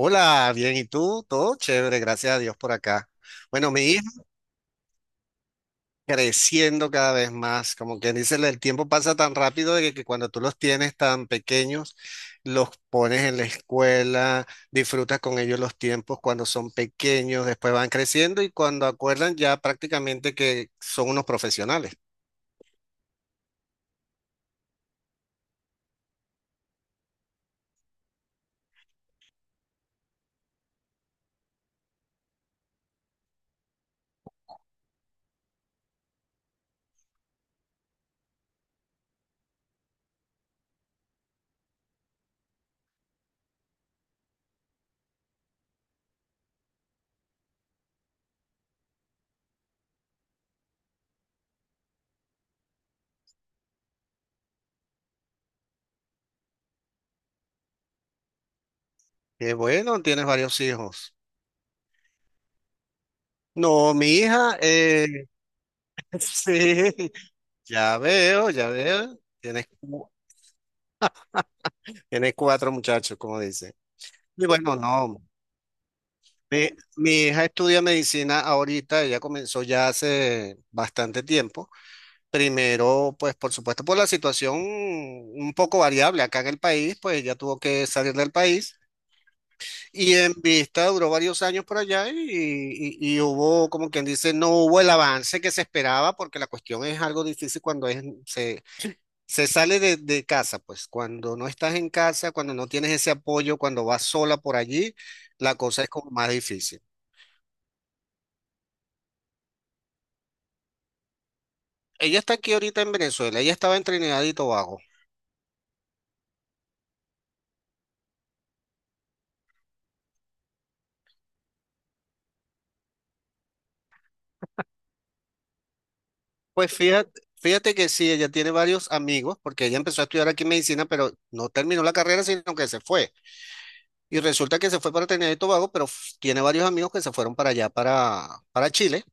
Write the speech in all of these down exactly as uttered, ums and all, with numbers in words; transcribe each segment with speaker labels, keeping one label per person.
Speaker 1: Hola, bien, ¿y tú? Todo chévere, gracias a Dios por acá. Bueno, mi hija creciendo cada vez más, como quien dice, el tiempo pasa tan rápido de que, que cuando tú los tienes tan pequeños, los pones en la escuela, disfrutas con ellos los tiempos cuando son pequeños, después van creciendo y cuando acuerdan ya prácticamente que son unos profesionales. Qué bueno, tienes varios hijos. No, mi hija, eh, sí, ya veo, ya veo, tienes, cu- tienes cuatro muchachos, como dicen. Y bueno, no. Mi, mi hija estudia medicina ahorita, ella comenzó ya hace bastante tiempo. Primero, pues por supuesto, por la situación un poco variable acá en el país, pues ella tuvo que salir del país y en vista duró varios años por allá y, y- y hubo, como quien dice, no hubo el avance que se esperaba porque la cuestión es algo difícil cuando es, se, se sale de, de casa, pues cuando no estás en casa, cuando no tienes ese apoyo, cuando vas sola por allí, la cosa es como más difícil. Ella está aquí ahorita en Venezuela, ella estaba en Trinidad y Tobago. Pues fíjate, fíjate que sí, ella tiene varios amigos, porque ella empezó a estudiar aquí medicina, pero no terminó la carrera, sino que se fue. Y resulta que se fue para Trinidad y Tobago, pero f- tiene varios amigos que se fueron para allá, para, para Chile.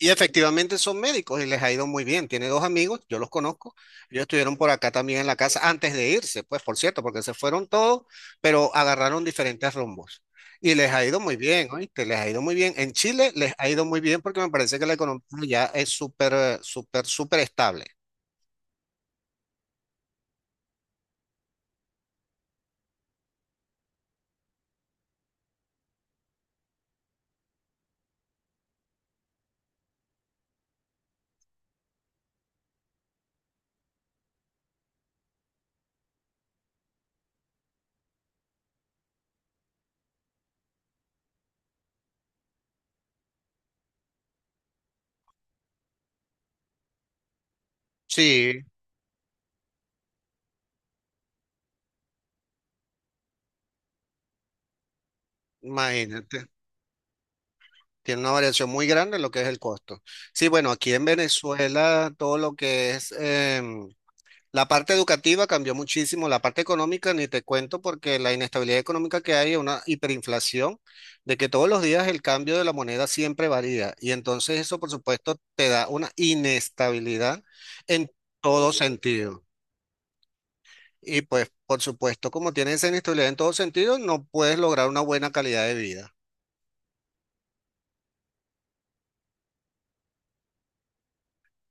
Speaker 1: Y efectivamente son médicos y les ha ido muy bien. Tiene dos amigos, yo los conozco. Ellos estuvieron por acá también en la casa antes de irse, pues por cierto, porque se fueron todos, pero agarraron diferentes rumbos. Y les ha ido muy bien, ¿oíste? Les ha ido muy bien. En Chile les ha ido muy bien porque me parece que la economía ya es súper, eh, súper, súper estable. Sí, imagínate. Tiene una variación muy grande en lo que es el costo. Sí, bueno, aquí en Venezuela todo lo que es em, La parte educativa cambió muchísimo, la parte económica ni te cuento porque la inestabilidad económica que hay es una hiperinflación, de que todos los días el cambio de la moneda siempre varía y entonces eso por supuesto te da una inestabilidad en todo sentido. Y pues por supuesto como tienes esa inestabilidad en todo sentido no puedes lograr una buena calidad de vida.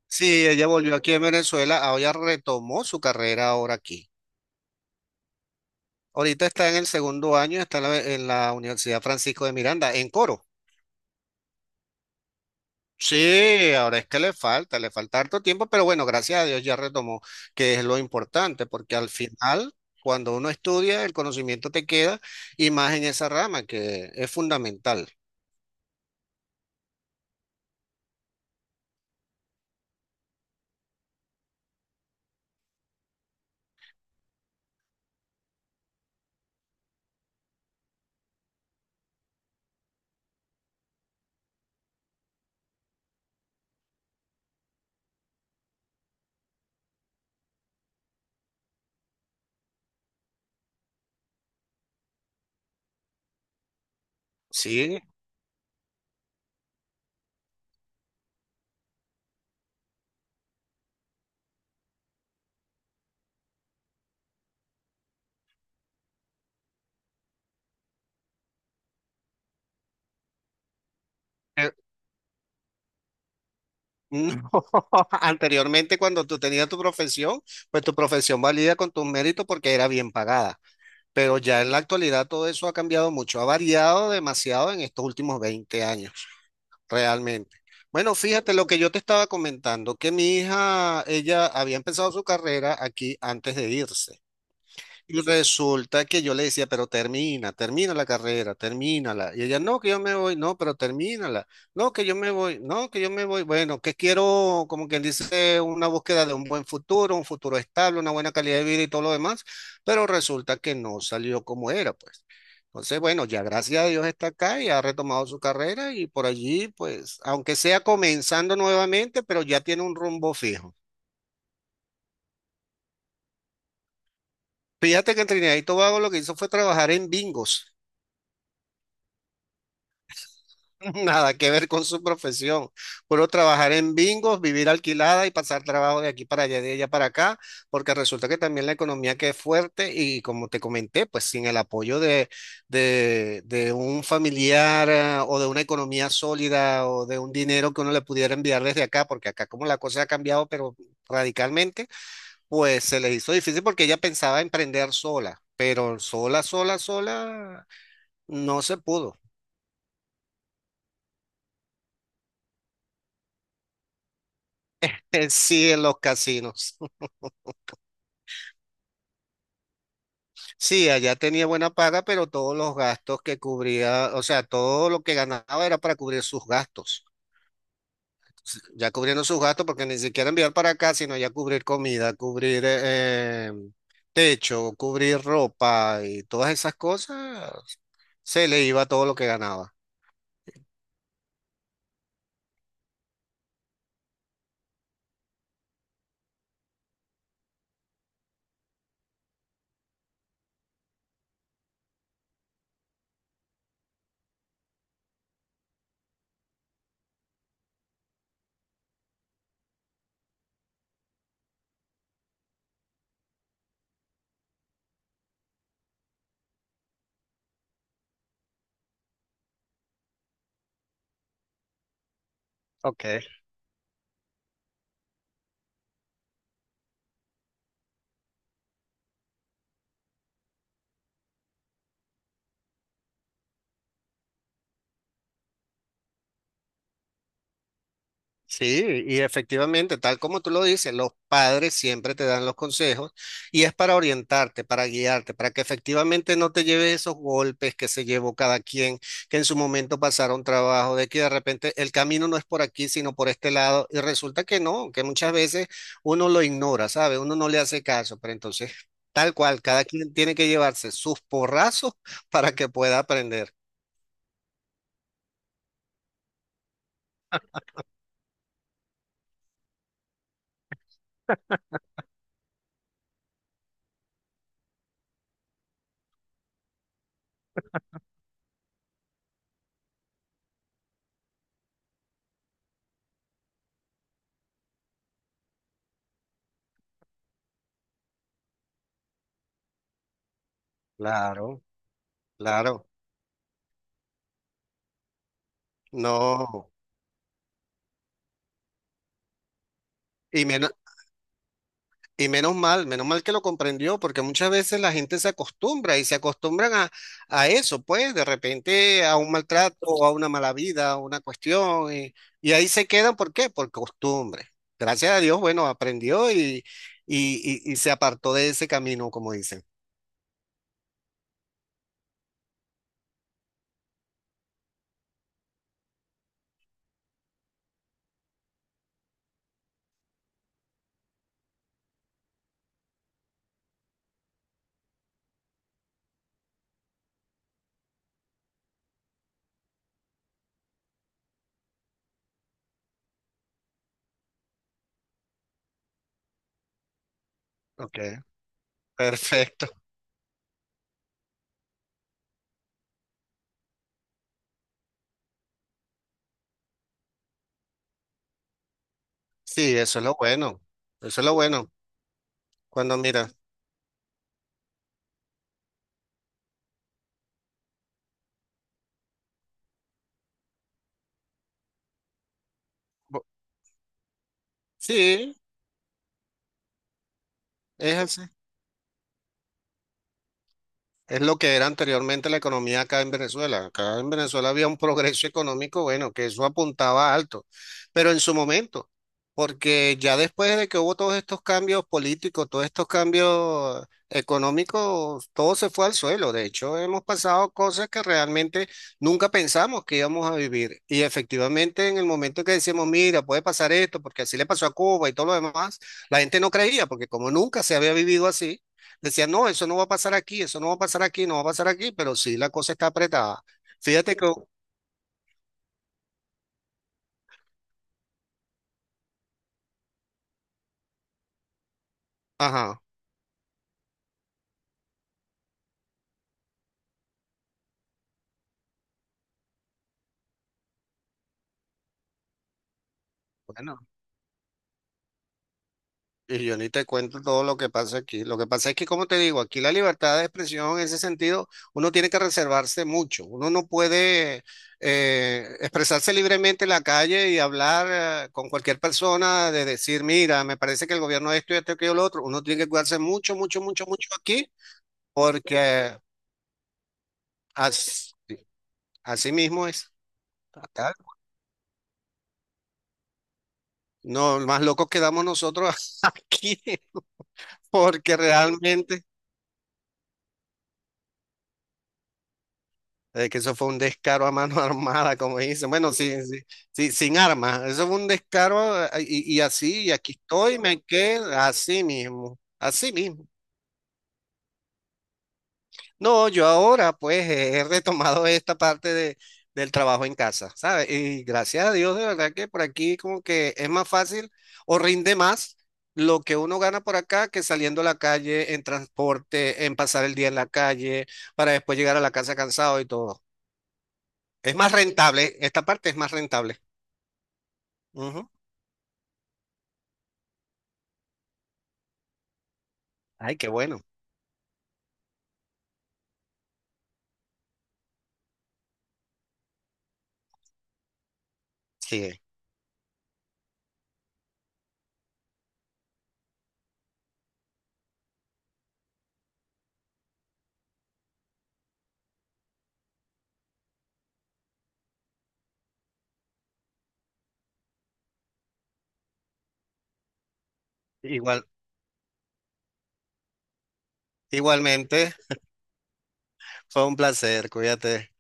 Speaker 1: Sí, ella volvió aquí en Venezuela, ahora retomó su carrera ahora aquí. Ahorita está en el segundo año, está en la, en la Universidad Francisco de Miranda, en Coro. Sí, ahora es que le falta, le falta harto tiempo, pero bueno, gracias a Dios ya retomó, que es lo importante, porque al final, cuando uno estudia, el conocimiento te queda y más en esa rama, que es fundamental. Sí, eh, mm, anteriormente cuando tú tenías tu profesión, pues tu profesión valía con tus méritos porque era bien pagada, pero ya en la actualidad todo eso ha cambiado mucho, ha variado demasiado en estos últimos veinte años realmente. Bueno, fíjate lo que yo te estaba comentando, que mi hija, ella había empezado su carrera aquí antes de irse. Y resulta que yo le decía, pero termina, termina la carrera, termínala. Y ella, no, que yo me voy, no, pero termínala. No, que yo me voy, no, que yo me voy. Bueno, que quiero, como quien dice, una búsqueda de un buen futuro, un futuro estable, una buena calidad de vida y todo lo demás. Pero resulta que no salió como era, pues. Entonces, bueno, ya gracias a Dios está acá y ha retomado su carrera y por allí, pues, aunque sea comenzando nuevamente, pero ya tiene un rumbo fijo. Fíjate que en Trinidad y Tobago lo que hizo fue trabajar en bingos. Nada que ver con su profesión. Puro trabajar en bingos, vivir alquilada y pasar trabajo de aquí para allá, de allá para acá, porque resulta que también la economía que es fuerte y como te comenté, pues sin el apoyo de, de, de un familiar ah, o de una economía sólida o de un dinero que uno le pudiera enviar desde acá, porque acá como la cosa ha cambiado, pero radicalmente, pues se le hizo difícil porque ella pensaba emprender sola, pero sola, sola, sola, no se pudo. Sí, en los casinos. Sí, allá tenía buena paga, pero todos los gastos que cubría, o sea, todo lo que ganaba era para cubrir sus gastos. S- Ya cubriendo sus gastos, porque ni siquiera enviar para acá, sino ya cubrir comida, cubrir eh, em, techo, cubrir ropa y todas esas cosas, se le iba todo lo que ganaba. Ok. Sí, y efectivamente, tal como tú lo dices, los padres siempre te dan los consejos y es para orientarte, para guiarte, para que efectivamente no te lleves esos golpes que se llevó cada quien, que en su momento pasaron trabajo, de que de repente el camino no es por aquí, sino por este lado, y resulta que no, que muchas veces uno lo ignora, ¿sabe? Uno no le hace caso, pero entonces, tal cual, cada quien tiene que llevarse sus porrazos para que pueda aprender. Claro, claro, no. Y menos. Y menos mal, menos mal que lo comprendió, porque muchas veces la gente se acostumbra y se acostumbran a, a eso, pues de repente a un maltrato o a una mala vida, a una cuestión, y, y ahí se quedan, ¿por qué? Por costumbre. Gracias a Dios, bueno, aprendió y, y, y, y se apartó de ese camino, como dicen. Ok, perfecto. Sí, eso es lo bueno, eso es lo bueno. Cuando mira, bo- sí, es así. Es lo que era anteriormente la economía acá en Venezuela. Acá en Venezuela había un progreso económico, bueno, que eso apuntaba alto, pero en su momento, porque ya después de que hubo todos estos cambios políticos, todos estos cambios económicos, todo se fue al suelo. De hecho, hemos pasado cosas que realmente nunca pensamos que íbamos a vivir. Y efectivamente, en el momento que decimos, mira, puede pasar esto, porque así le pasó a Cuba y todo lo demás, la gente no creía, porque como nunca se había vivido así. Decía, no, eso no va a pasar aquí, eso no va a pasar aquí, no va a pasar aquí, pero sí la cosa está apretada. Fíjate que, ajá, bueno, y yo ni te cuento todo lo que pasa aquí. Lo que pasa es que, como te digo, aquí la libertad de expresión en ese sentido, uno tiene que reservarse mucho. Uno no puede eh, expresarse libremente en la calle y hablar eh, con cualquier persona de decir, mira, me parece que el gobierno esto y esto y lo otro. Uno tiene que cuidarse mucho, mucho, mucho, mucho aquí, porque así, así mismo es. No, más locos quedamos nosotros aquí, porque realmente eh, que eso fue un descaro a mano armada, como dicen. Bueno, sí, sí, sí, sin armas. Eso fue un descaro eh, y, y así, y aquí estoy, me quedé así mismo, así mismo. No, yo ahora pues he retomado esta parte de, del trabajo en casa, ¿sabes? Y gracias a Dios, de verdad que por aquí como que es más fácil o rinde más lo que uno gana por acá que saliendo a la calle en transporte, en pasar el día en la calle, para después llegar a la casa cansado y todo. Es más rentable, esta parte es más rentable. Ujú. Ay, qué bueno. Sí, igual, igualmente fue un placer, cuídate.